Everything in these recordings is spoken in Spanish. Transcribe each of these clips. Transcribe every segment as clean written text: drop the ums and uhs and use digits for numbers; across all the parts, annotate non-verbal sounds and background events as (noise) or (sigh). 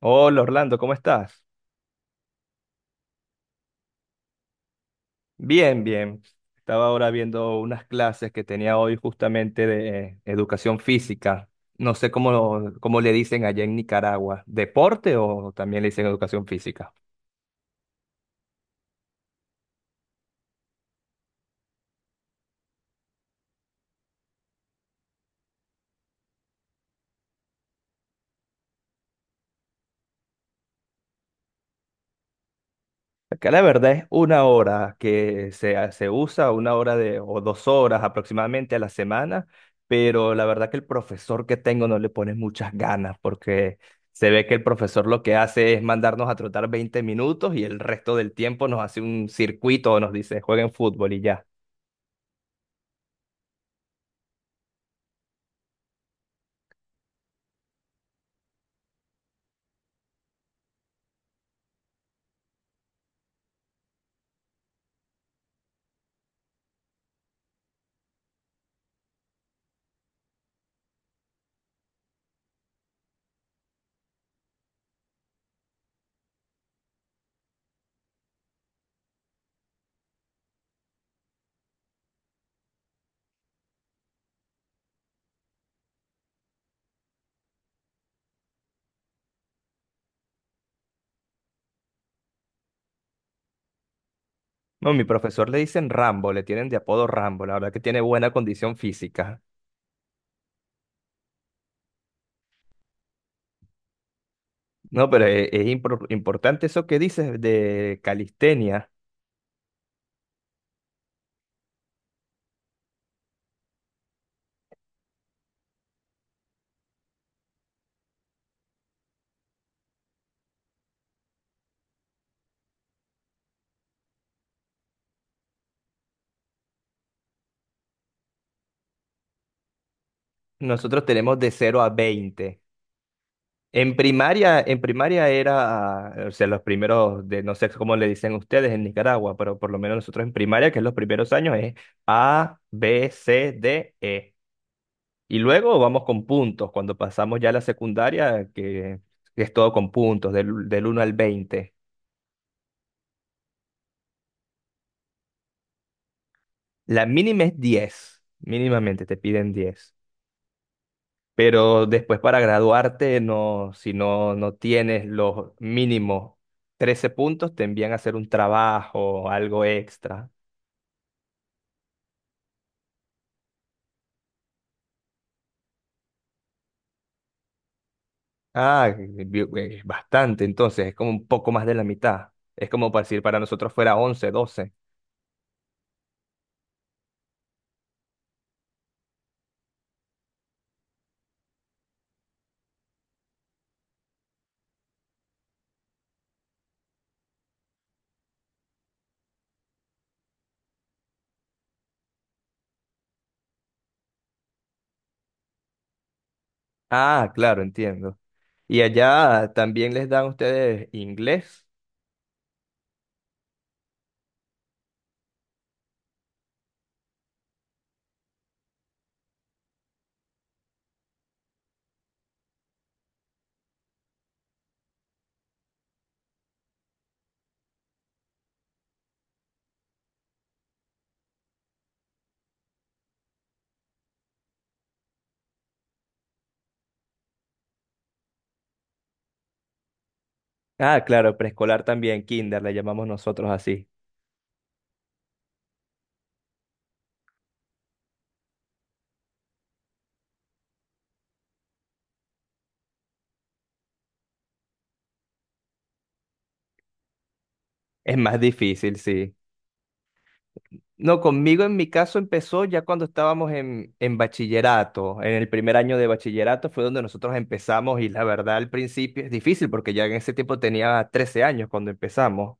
Hola Orlando, ¿cómo estás? Bien, bien. Estaba ahora viendo unas clases que tenía hoy justamente de educación física. No sé cómo le dicen allá en Nicaragua. ¿Deporte o también le dicen educación física? Acá la verdad es una hora que se usa, una hora de, o dos horas aproximadamente a la semana, pero la verdad que el profesor que tengo no le pone muchas ganas porque se ve que el profesor lo que hace es mandarnos a trotar 20 minutos y el resto del tiempo nos hace un circuito o nos dice jueguen fútbol y ya. No, mi profesor le dicen Rambo, le tienen de apodo Rambo, la verdad que tiene buena condición física. No, pero es importante eso que dices de calistenia. Nosotros tenemos de cero a 20. En primaria era, ah, o sea, los primeros de, no sé cómo le dicen ustedes en Nicaragua, pero por lo menos nosotros en primaria, que es los primeros años, es A, B, C, D, E. Y luego vamos con puntos, cuando pasamos ya a la secundaria, que es todo con puntos, del 1 al 20. La mínima es 10, mínimamente te piden 10. Pero después para graduarte, no, si no, no tienes los mínimos 13 puntos, te envían a hacer un trabajo, algo extra. Ah, bastante, entonces es como un poco más de la mitad. Es como para decir, para nosotros fuera 11, 12. Ah, claro, entiendo. Y allá también les dan ustedes inglés. Ah, claro, preescolar también, kinder, le llamamos nosotros así. Es más difícil, sí. No, conmigo en mi caso empezó ya cuando estábamos en bachillerato. En el primer año de bachillerato fue donde nosotros empezamos y la verdad al principio es difícil porque ya en ese tiempo tenía 13 años cuando empezamos.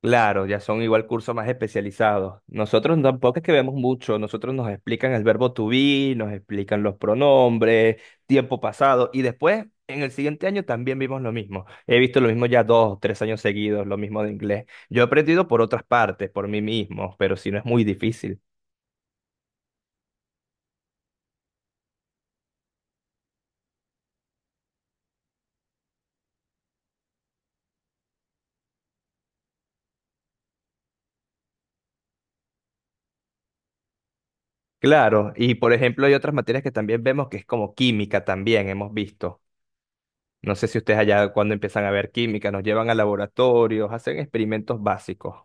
Claro, ya son igual cursos más especializados. Nosotros tampoco es que vemos mucho, nosotros nos explican el verbo to be, nos explican los pronombres, tiempo pasado, y después en el siguiente año también vimos lo mismo. He visto lo mismo ya dos, tres años seguidos, lo mismo de inglés. Yo he aprendido por otras partes, por mí mismo, pero si no es muy difícil. Claro, y por ejemplo hay otras materias que también vemos que es como química también, hemos visto. No sé si ustedes allá cuando empiezan a ver química, nos llevan a laboratorios, hacen experimentos básicos.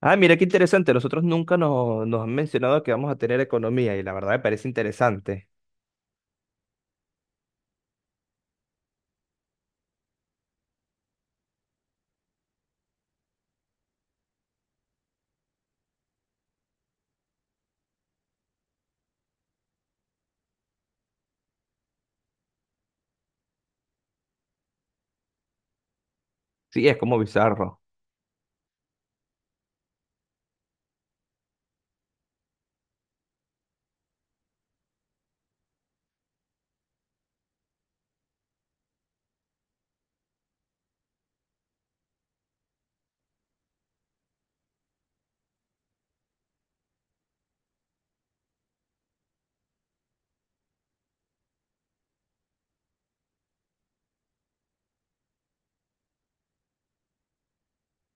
Ah, mira qué interesante. Nosotros nunca nos han mencionado que vamos a tener economía y la verdad me parece interesante. Sí, es como bizarro.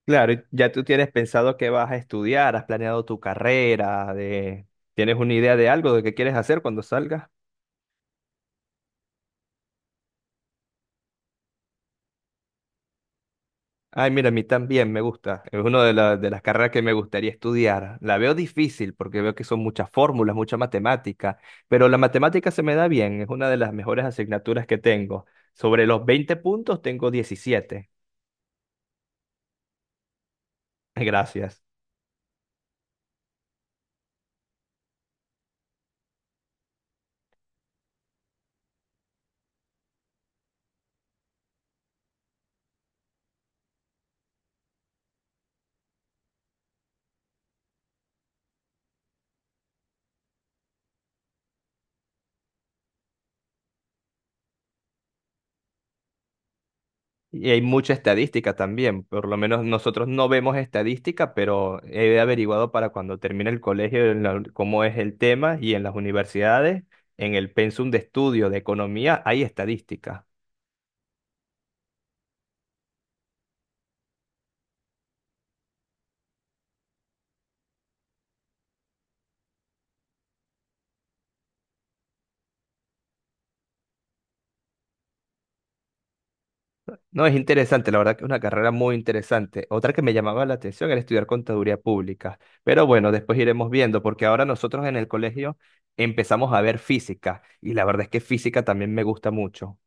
Claro, y ya tú tienes pensado qué vas a estudiar, has planeado tu carrera, de... ¿Tienes una idea de algo, de qué quieres hacer cuando salgas? Ay, mira, a mí también me gusta. Es una de las carreras que me gustaría estudiar. La veo difícil porque veo que son muchas fórmulas, mucha matemática, pero la matemática se me da bien, es una de las mejores asignaturas que tengo. Sobre los 20 puntos tengo 17. (laughs) Gracias. Y hay mucha estadística también, por lo menos nosotros no vemos estadística, pero he averiguado para cuando termine el colegio en cómo es el tema y en las universidades, en el pensum de estudio de economía hay estadística. No, es interesante, la verdad que es una carrera muy interesante. Otra que me llamaba la atención era estudiar contaduría pública, pero bueno, después iremos viendo, porque ahora nosotros en el colegio empezamos a ver física y la verdad es que física también me gusta mucho.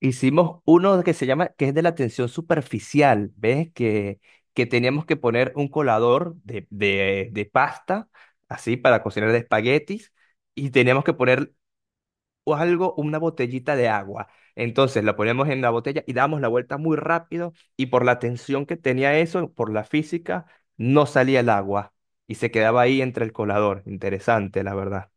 Hicimos uno que se llama, que es de la tensión superficial, ¿ves? Que teníamos que poner un colador de pasta, así, para cocinar de espaguetis, y teníamos que poner o algo, una botellita de agua. Entonces la poníamos en la botella y dábamos la vuelta muy rápido, y por la tensión que tenía eso, por la física, no salía el agua, y se quedaba ahí entre el colador. Interesante, la verdad.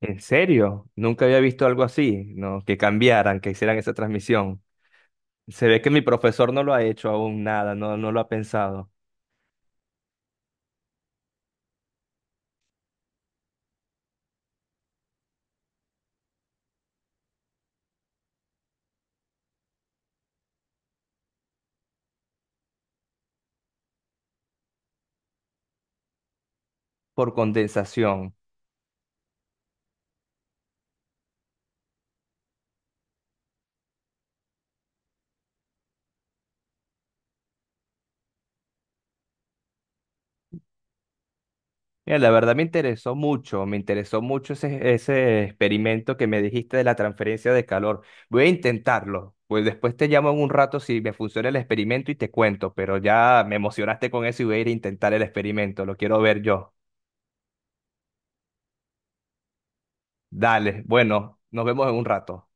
¿En serio? Nunca había visto algo así, ¿no? Que cambiaran, que hicieran esa transmisión. Se ve que mi profesor no lo ha hecho aún nada, no, no lo ha pensado, por condensación. Mira, la verdad me interesó mucho ese experimento que me dijiste de la transferencia de calor. Voy a intentarlo, pues después te llamo en un rato si me funciona el experimento y te cuento, pero ya me emocionaste con eso y voy a ir a intentar el experimento, lo quiero ver yo. Dale, bueno, nos vemos en un rato.